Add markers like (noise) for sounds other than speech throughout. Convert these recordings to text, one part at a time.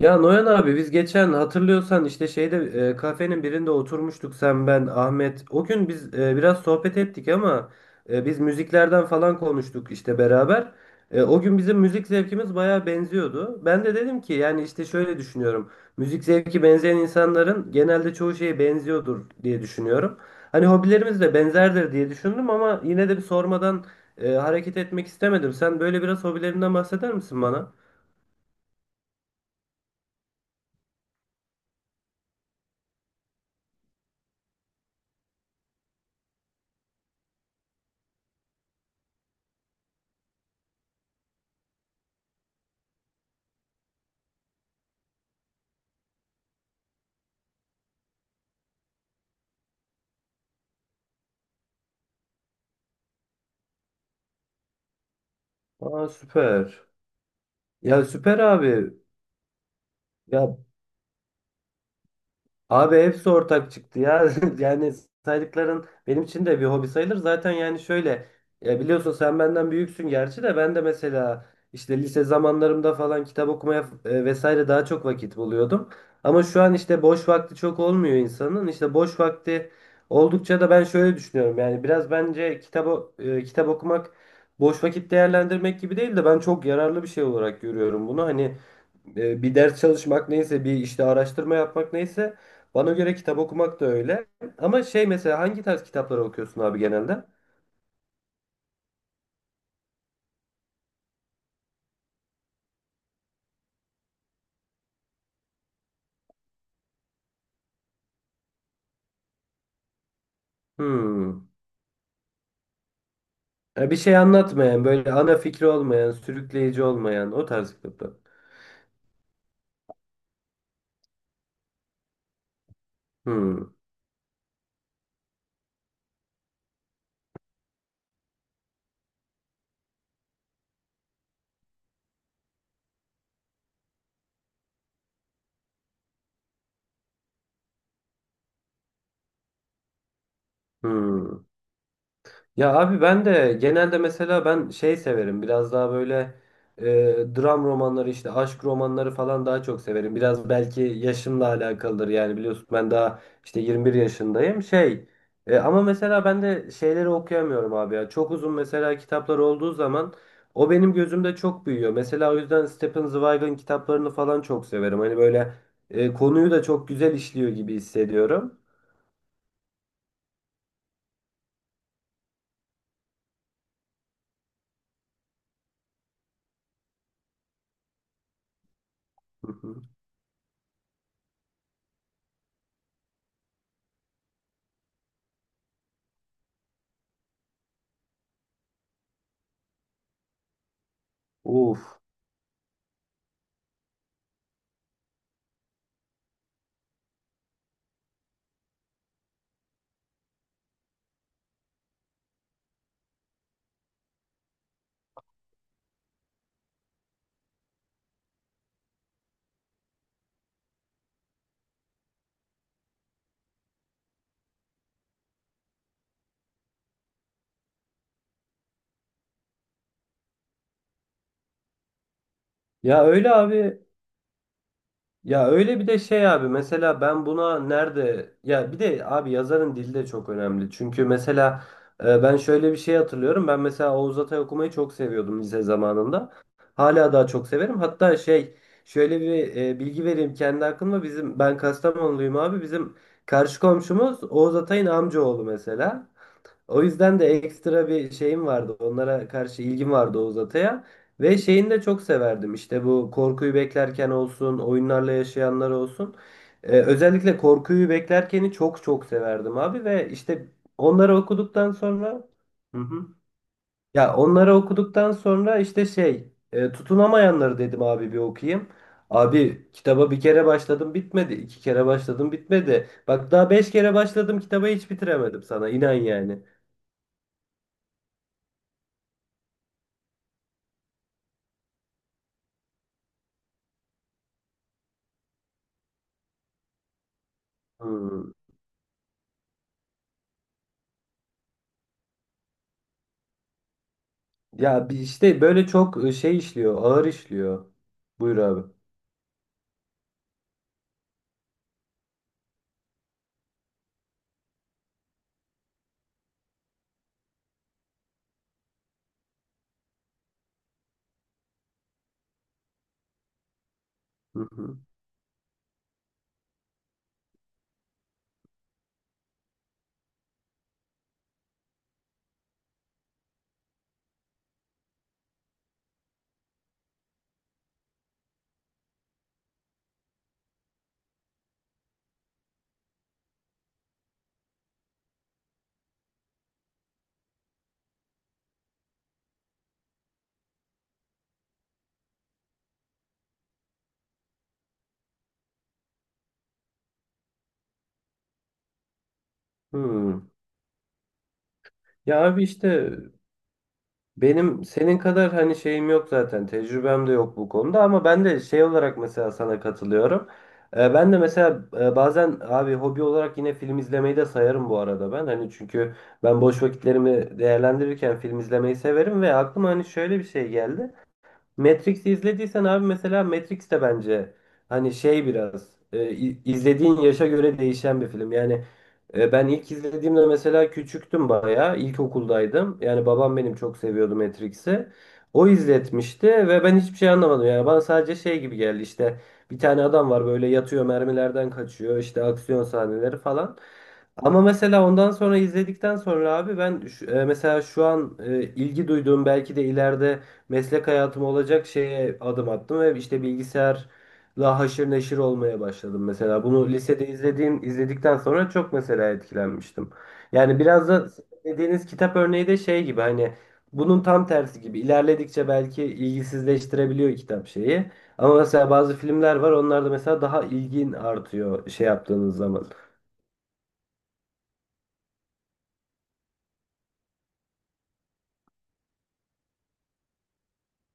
Ya Noyan abi, biz geçen hatırlıyorsan işte şeyde, kafenin birinde oturmuştuk sen ben Ahmet. O gün biz biraz sohbet ettik, ama biz müziklerden falan konuştuk işte beraber. O gün bizim müzik zevkimiz bayağı benziyordu. Ben de dedim ki yani işte şöyle düşünüyorum. Müzik zevki benzeyen insanların genelde çoğu şeye benziyordur diye düşünüyorum. Hani hobilerimiz de benzerdir diye düşündüm, ama yine de bir sormadan hareket etmek istemedim. Sen böyle biraz hobilerinden bahseder misin bana? Aa, süper. Ya, süper abi. Ya abi, hepsi ortak çıktı ya. (laughs) Yani saydıkların benim için de bir hobi sayılır. Zaten yani şöyle, ya biliyorsun sen benden büyüksün, gerçi de ben de mesela işte lise zamanlarımda falan kitap okumaya, vesaire, daha çok vakit buluyordum. Ama şu an işte boş vakti çok olmuyor insanın. İşte boş vakti oldukça da ben şöyle düşünüyorum. Yani biraz bence kitap okumak boş vakit değerlendirmek gibi değil de ben çok yararlı bir şey olarak görüyorum bunu. Hani, bir ders çalışmak neyse, bir işte araştırma yapmak neyse, bana göre kitap okumak da öyle. Ama şey, mesela hangi tarz kitapları okuyorsun abi genelde? Hmm. Bir şey anlatmayan, böyle ana fikri olmayan, sürükleyici olmayan, o tarz kitaplar. Hmm. Hmm. Ya abi ben de genelde mesela ben şey severim, biraz daha böyle, e, dram romanları işte, aşk romanları falan daha çok severim. Biraz belki yaşımla alakalıdır, yani biliyorsun ben daha işte 21 yaşındayım şey, ama mesela ben de şeyleri okuyamıyorum abi, ya çok uzun mesela kitaplar olduğu zaman o benim gözümde çok büyüyor. Mesela o yüzden Stephen Zweig'ın kitaplarını falan çok severim hani böyle, konuyu da çok güzel işliyor gibi hissediyorum. Hı hı. Uf. Ya öyle abi. Ya öyle, bir de şey abi, mesela ben buna nerede, ya bir de abi yazarın dili de çok önemli. Çünkü mesela, ben şöyle bir şey hatırlıyorum. Ben mesela Oğuz Atay okumayı çok seviyordum lise zamanında. Hala daha çok severim. Hatta şey, şöyle bir, bilgi vereyim kendi hakkımda. Ben Kastamonluyum abi. Bizim karşı komşumuz Oğuz Atay'ın amcaoğlu mesela. O yüzden de ekstra bir şeyim vardı. Onlara karşı ilgim vardı Oğuz Atay'a. Ve şeyini de çok severdim. İşte bu korkuyu beklerken olsun, oyunlarla yaşayanlar olsun. Özellikle korkuyu beklerkeni çok çok severdim abi. Ve işte onları okuduktan sonra... Hı hı. Ya onları okuduktan sonra işte şey, tutunamayanları dedim abi, bir okuyayım. Abi kitaba bir kere başladım bitmedi. İki kere başladım bitmedi. Bak daha beş kere başladım, kitabı hiç bitiremedim sana. İnan yani. Hmm. Ya bir işte böyle çok şey işliyor, ağır işliyor. Buyur abi. Hı hı. Hmm. Ya abi işte benim senin kadar hani şeyim yok zaten, tecrübem de yok bu konuda, ama ben de şey olarak mesela sana katılıyorum. Ben de mesela bazen abi hobi olarak yine film izlemeyi de sayarım bu arada ben. Hani çünkü ben boş vakitlerimi değerlendirirken film izlemeyi severim ve aklıma hani şöyle bir şey geldi. Matrix'i izlediysen abi, mesela Matrix de bence hani şey, biraz izlediğin yaşa göre değişen bir film. Yani, ben ilk izlediğimde mesela küçüktüm bayağı. İlkokuldaydım. Yani babam benim çok seviyordu Matrix'i. O izletmişti ve ben hiçbir şey anlamadım. Yani bana sadece şey gibi geldi işte, bir tane adam var böyle, yatıyor, mermilerden kaçıyor, işte aksiyon sahneleri falan. Ama mesela ondan sonra, izledikten sonra abi ben mesela şu an, ilgi duyduğum belki de ileride meslek hayatım olacak şeye adım attım ve işte bilgisayarla haşır neşir olmaya başladım mesela. Bunu lisede izledikten sonra çok mesela etkilenmiştim. Yani biraz da dediğiniz kitap örneği de şey gibi, hani bunun tam tersi gibi. İlerledikçe belki ilgisizleştirebiliyor kitap şeyi. Ama mesela bazı filmler var onlarda mesela daha ilgin artıyor şey yaptığınız zaman.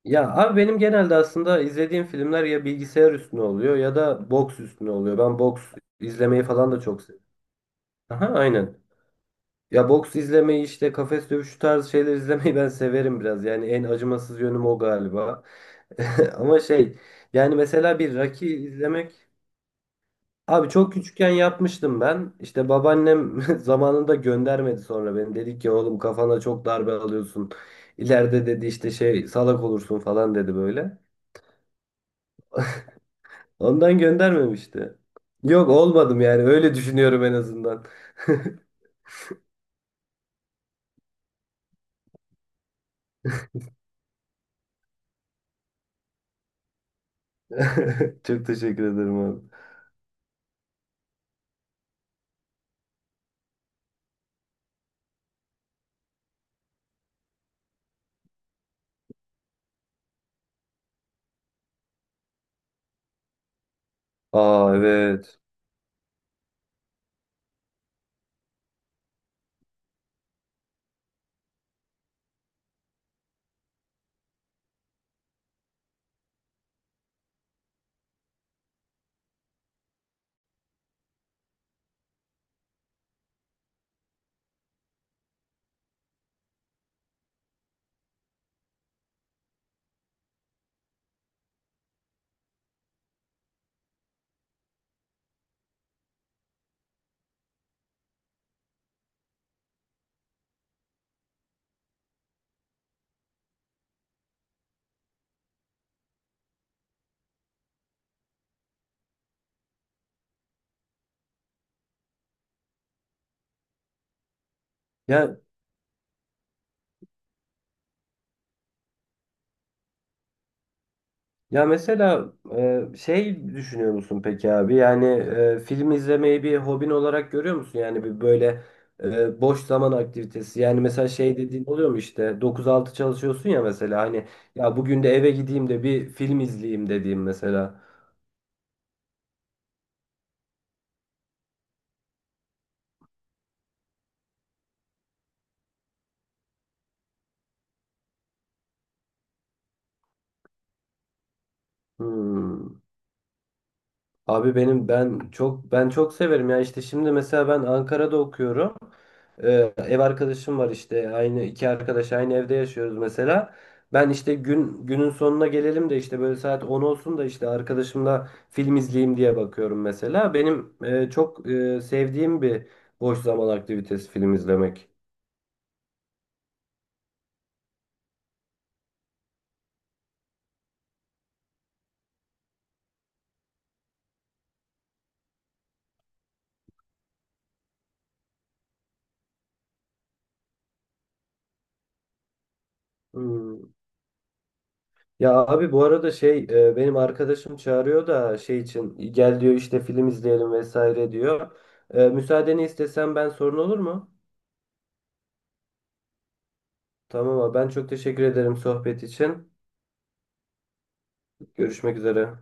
Ya abi benim genelde aslında izlediğim filmler ya bilgisayar üstüne oluyor ya da boks üstüne oluyor. Ben boks izlemeyi falan da çok. Aha, aynen. Ya boks izlemeyi işte kafes dövüşü tarzı şeyler izlemeyi (laughs) ben severim biraz. Yani en acımasız yönüm o galiba. (laughs) Ama şey, yani mesela bir Rocky izlemek. Abi çok küçükken yapmıştım ben. İşte babaannem (laughs) zamanında göndermedi sonra beni. Dedi ki oğlum, kafana çok darbe alıyorsun. İleride dedi işte şey, salak olursun falan dedi böyle. Ondan göndermemişti. Yok, olmadım yani, öyle düşünüyorum en azından. (laughs) Çok teşekkür ederim abi. Aa, evet. Ya Ya mesela, şey düşünüyor musun peki abi? Yani, film izlemeyi bir hobin olarak görüyor musun? Yani bir böyle, boş zaman aktivitesi. Yani mesela şey dediğin oluyor mu işte, 9-6 çalışıyorsun ya mesela, hani ya bugün de eve gideyim de bir film izleyeyim dediğim mesela. Hmm. Abi ben çok severim ya, işte şimdi mesela ben Ankara'da okuyorum. Ev arkadaşım var işte, aynı iki arkadaş aynı evde yaşıyoruz mesela. Ben işte günün sonuna gelelim de işte böyle saat 10 olsun da işte arkadaşımla film izleyeyim diye bakıyorum mesela. Benim, çok, sevdiğim bir boş zaman aktivitesi film izlemek. Hmm. Ya abi bu arada şey, benim arkadaşım çağırıyor da şey için gel diyor işte film izleyelim vesaire diyor. Müsaadeni istesem ben sorun olur mu? Tamam abi, ben çok teşekkür ederim sohbet için. Görüşmek üzere.